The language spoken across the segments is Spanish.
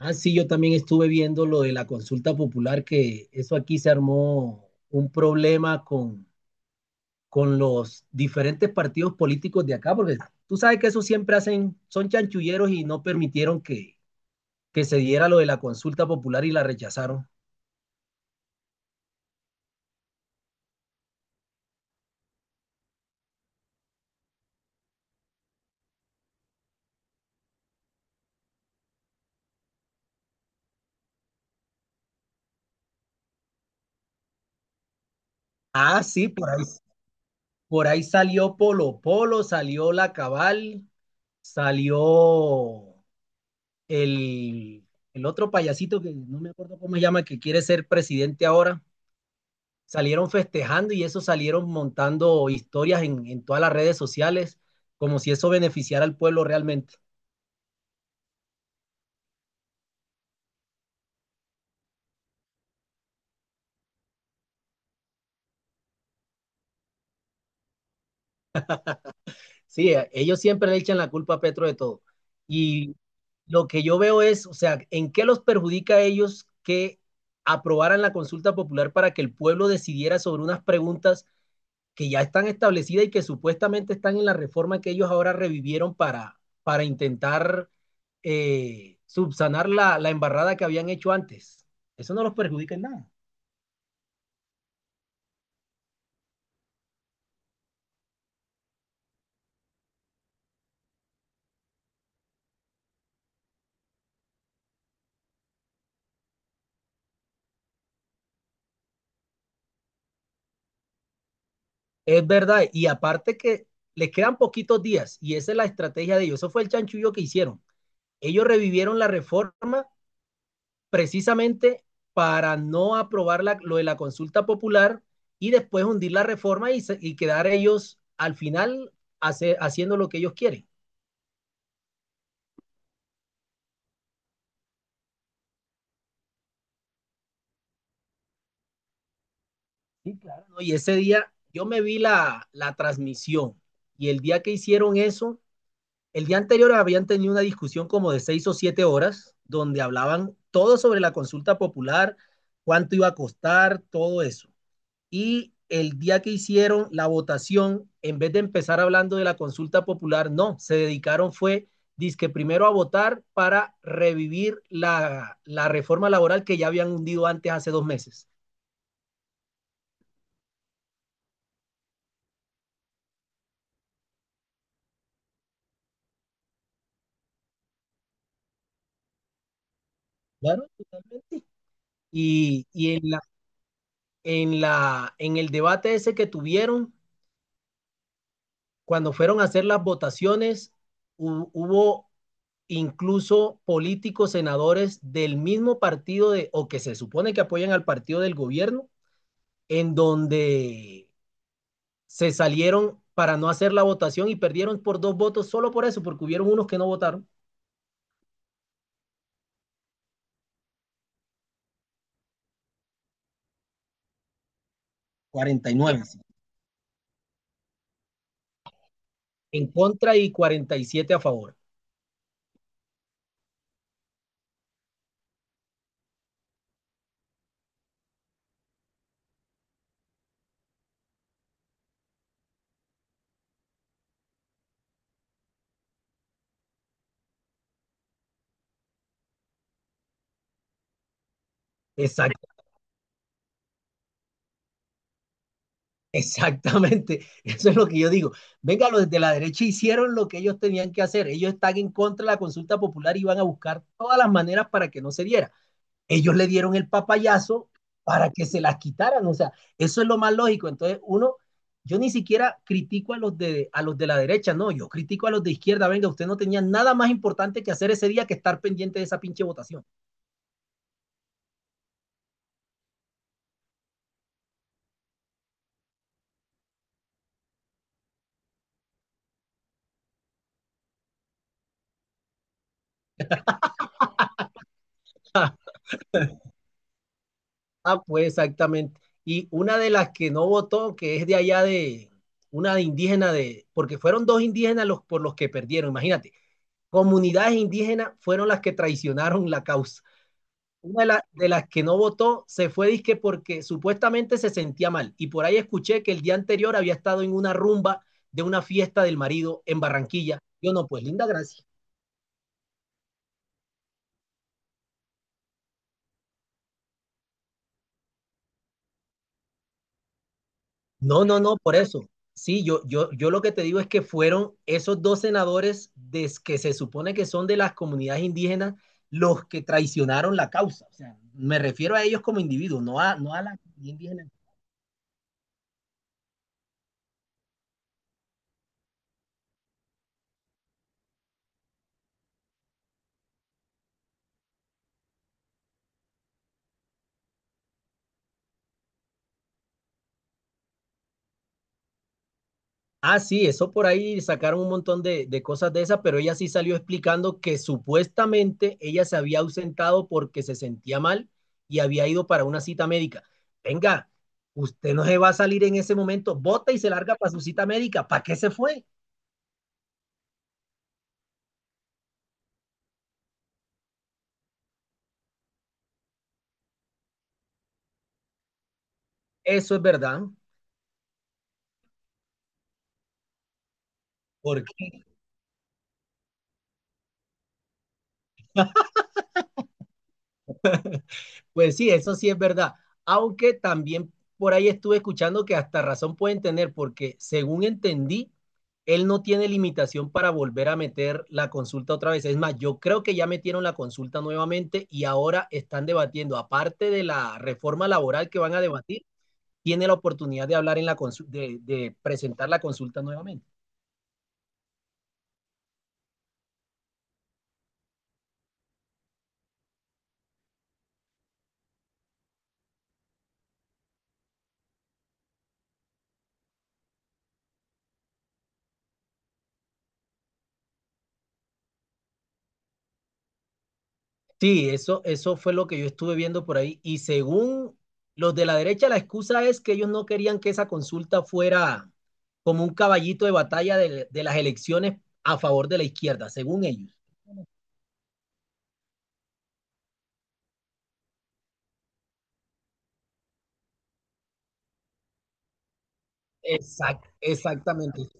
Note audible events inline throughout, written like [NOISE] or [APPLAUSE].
Ah, sí, yo también estuve viendo lo de la consulta popular, que eso aquí se armó un problema con los diferentes partidos políticos de acá, porque tú sabes que eso siempre hacen, son chanchulleros y no permitieron que se diera lo de la consulta popular y la rechazaron. Ah, sí, por ahí salió Polo Polo, salió La Cabal, salió el, el otro payasito que no me acuerdo cómo se llama, que quiere ser presidente ahora. Salieron festejando y eso, salieron montando historias en todas las redes sociales, como si eso beneficiara al pueblo realmente. Sí, ellos siempre le echan la culpa a Petro de todo. Y lo que yo veo es, o sea, ¿en qué los perjudica a ellos que aprobaran la consulta popular para que el pueblo decidiera sobre unas preguntas que ya están establecidas y que supuestamente están en la reforma que ellos ahora revivieron para intentar subsanar la embarrada que habían hecho antes? Eso no los perjudica en nada. Es verdad. Y aparte que les quedan poquitos días y esa es la estrategia de ellos. Eso fue el chanchullo que hicieron. Ellos revivieron la reforma precisamente para no aprobar lo de la consulta popular y después hundir la reforma y quedar ellos al final haciendo lo que ellos quieren. Sí, claro, ¿no? Y ese día yo me vi la transmisión y el día que hicieron eso, el día anterior habían tenido una discusión como de seis o siete horas donde hablaban todo sobre la consulta popular, cuánto iba a costar, todo eso. Y el día que hicieron la votación, en vez de empezar hablando de la consulta popular, no, se dedicaron fue, dizque primero a votar para revivir la reforma laboral que ya habían hundido antes hace dos meses. Claro, totalmente. Y, y en la, en el debate ese que tuvieron, cuando fueron a hacer las votaciones, hubo incluso políticos, senadores del mismo partido de, o que se supone que apoyan al partido del gobierno, en donde se salieron para no hacer la votación y perdieron por dos votos solo por eso, porque hubieron unos que no votaron. 49 en contra y 47 a favor. Exacto. Exactamente, [LAUGHS] eso es lo que yo digo. Venga, los de la derecha hicieron lo que ellos tenían que hacer. Ellos están en contra de la consulta popular y van a buscar todas las maneras para que no se diera. Ellos le dieron el papayazo para que se las quitaran. O sea, eso es lo más lógico. Entonces, uno, yo ni siquiera critico a los de la derecha, no, yo critico a los de izquierda. Venga, usted no tenía nada más importante que hacer ese día que estar pendiente de esa pinche votación. Ah, pues exactamente. Y una de las que no votó, que es de allá de una de indígena de, porque fueron dos indígenas los por los que perdieron, imagínate. Comunidades indígenas fueron las que traicionaron la causa. Una de, de las que no votó se fue disque porque supuestamente se sentía mal. Y por ahí escuché que el día anterior había estado en una rumba de una fiesta del marido en Barranquilla. Yo no, pues linda gracia. No, no, no, por eso. Sí, yo lo que te digo es que fueron esos dos senadores que se supone que son de las comunidades indígenas los que traicionaron la causa. O sea, me refiero a ellos como individuos, no no a la comunidad indígena. Ah, sí, eso por ahí sacaron un montón de cosas de esas, pero ella sí salió explicando que supuestamente ella se había ausentado porque se sentía mal y había ido para una cita médica. Venga, usted no se va a salir en ese momento, bota y se larga para su cita médica. ¿Para qué se fue? Eso es verdad, porque pues sí, eso sí es verdad, aunque también por ahí estuve escuchando que hasta razón pueden tener, porque según entendí, él no tiene limitación para volver a meter la consulta otra vez. Es más, yo creo que ya metieron la consulta nuevamente y ahora están debatiendo, aparte de la reforma laboral que van a debatir, tiene la oportunidad de hablar en de presentar la consulta nuevamente. Sí, eso fue lo que yo estuve viendo por ahí. Y según los de la derecha, la excusa es que ellos no querían que esa consulta fuera como un caballito de batalla de las elecciones a favor de la izquierda, según ellos. Exactamente.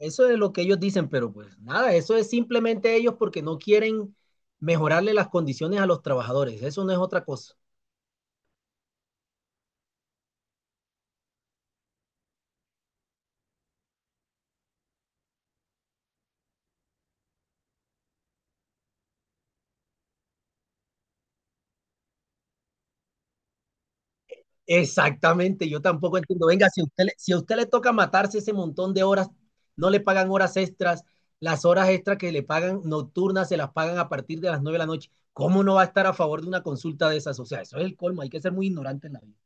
Eso es lo que ellos dicen, pero pues nada, eso es simplemente ellos porque no quieren mejorarle las condiciones a los trabajadores. Eso no es otra cosa. Exactamente, yo tampoco entiendo. Venga, si a usted le toca matarse ese montón de horas, no le pagan horas extras, las horas extras que le pagan nocturnas se las pagan a partir de las 9 de la noche. ¿Cómo no va a estar a favor de una consulta de esas? O sea, eso es el colmo, hay que ser muy ignorante en la vida.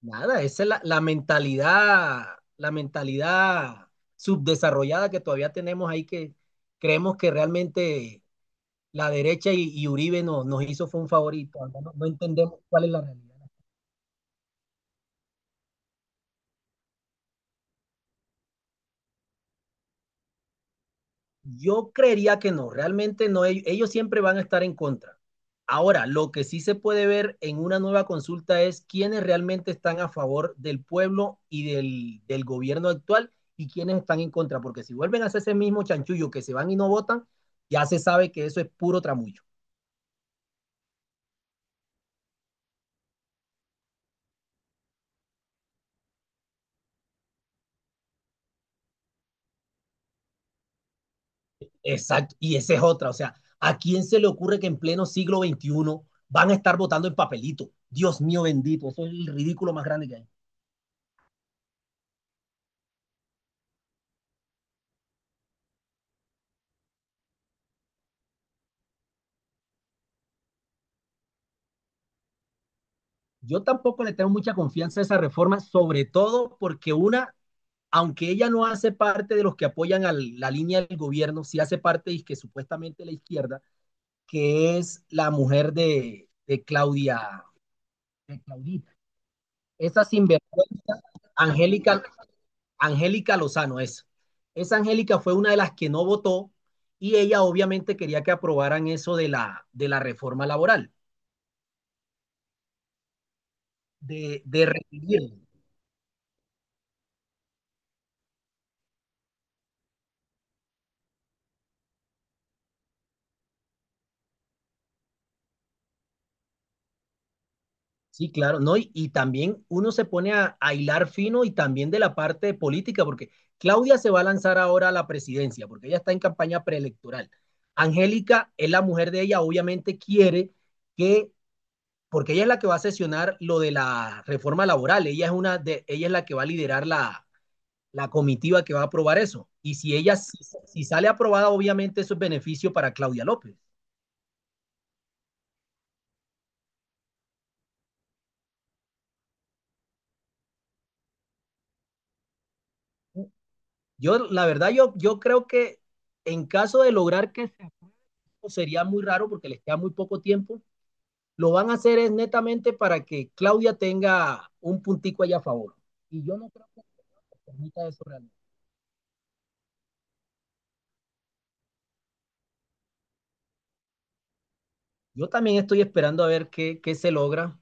Nada, esa es la mentalidad subdesarrollada que todavía tenemos ahí que creemos que realmente la derecha y Uribe nos hizo fue un favorito, no, no entendemos cuál es la realidad. Yo creería que no, realmente no, ellos siempre van a estar en contra. Ahora, lo que sí se puede ver en una nueva consulta es quiénes realmente están a favor del pueblo y del gobierno actual y quiénes están en contra, porque si vuelven a hacer ese mismo chanchullo que se van y no votan, ya se sabe que eso es puro tramullo. Exacto, y esa es otra, o sea, ¿a quién se le ocurre que en pleno siglo XXI van a estar votando en papelito? Dios mío bendito, eso es el ridículo más grande que hay. Yo tampoco le tengo mucha confianza a esa reforma, sobre todo porque una, aunque ella no hace parte de los que apoyan a la línea del gobierno, sí hace parte y que supuestamente la izquierda, que es la mujer de Claudia, de Claudita. Esa sinvergüenza, Angélica, Angélica Lozano es. Esa Angélica fue una de las que no votó y ella obviamente quería que aprobaran eso de de la reforma laboral, de recibir. Sí, claro, ¿no? Y también uno se pone a hilar fino y también de la parte política, porque Claudia se va a lanzar ahora a la presidencia, porque ella está en campaña preelectoral. Angélica es la mujer de ella, obviamente quiere que, porque ella es la que va a sesionar lo de la reforma laboral, ella es, una de, ella es la que va a liderar la comitiva que va a aprobar eso. Y si ella si, si sale aprobada, obviamente eso es beneficio para Claudia López. Yo, la verdad, yo creo que en caso de lograr que sería muy raro porque les queda muy poco tiempo. Lo van a hacer es netamente para que Claudia tenga un puntico allá a favor. Y yo no creo que permita eso realmente. Yo también estoy esperando a ver qué se logra.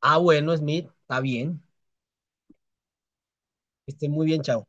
Ah, bueno, Smith, está bien. Esté muy bien, chao.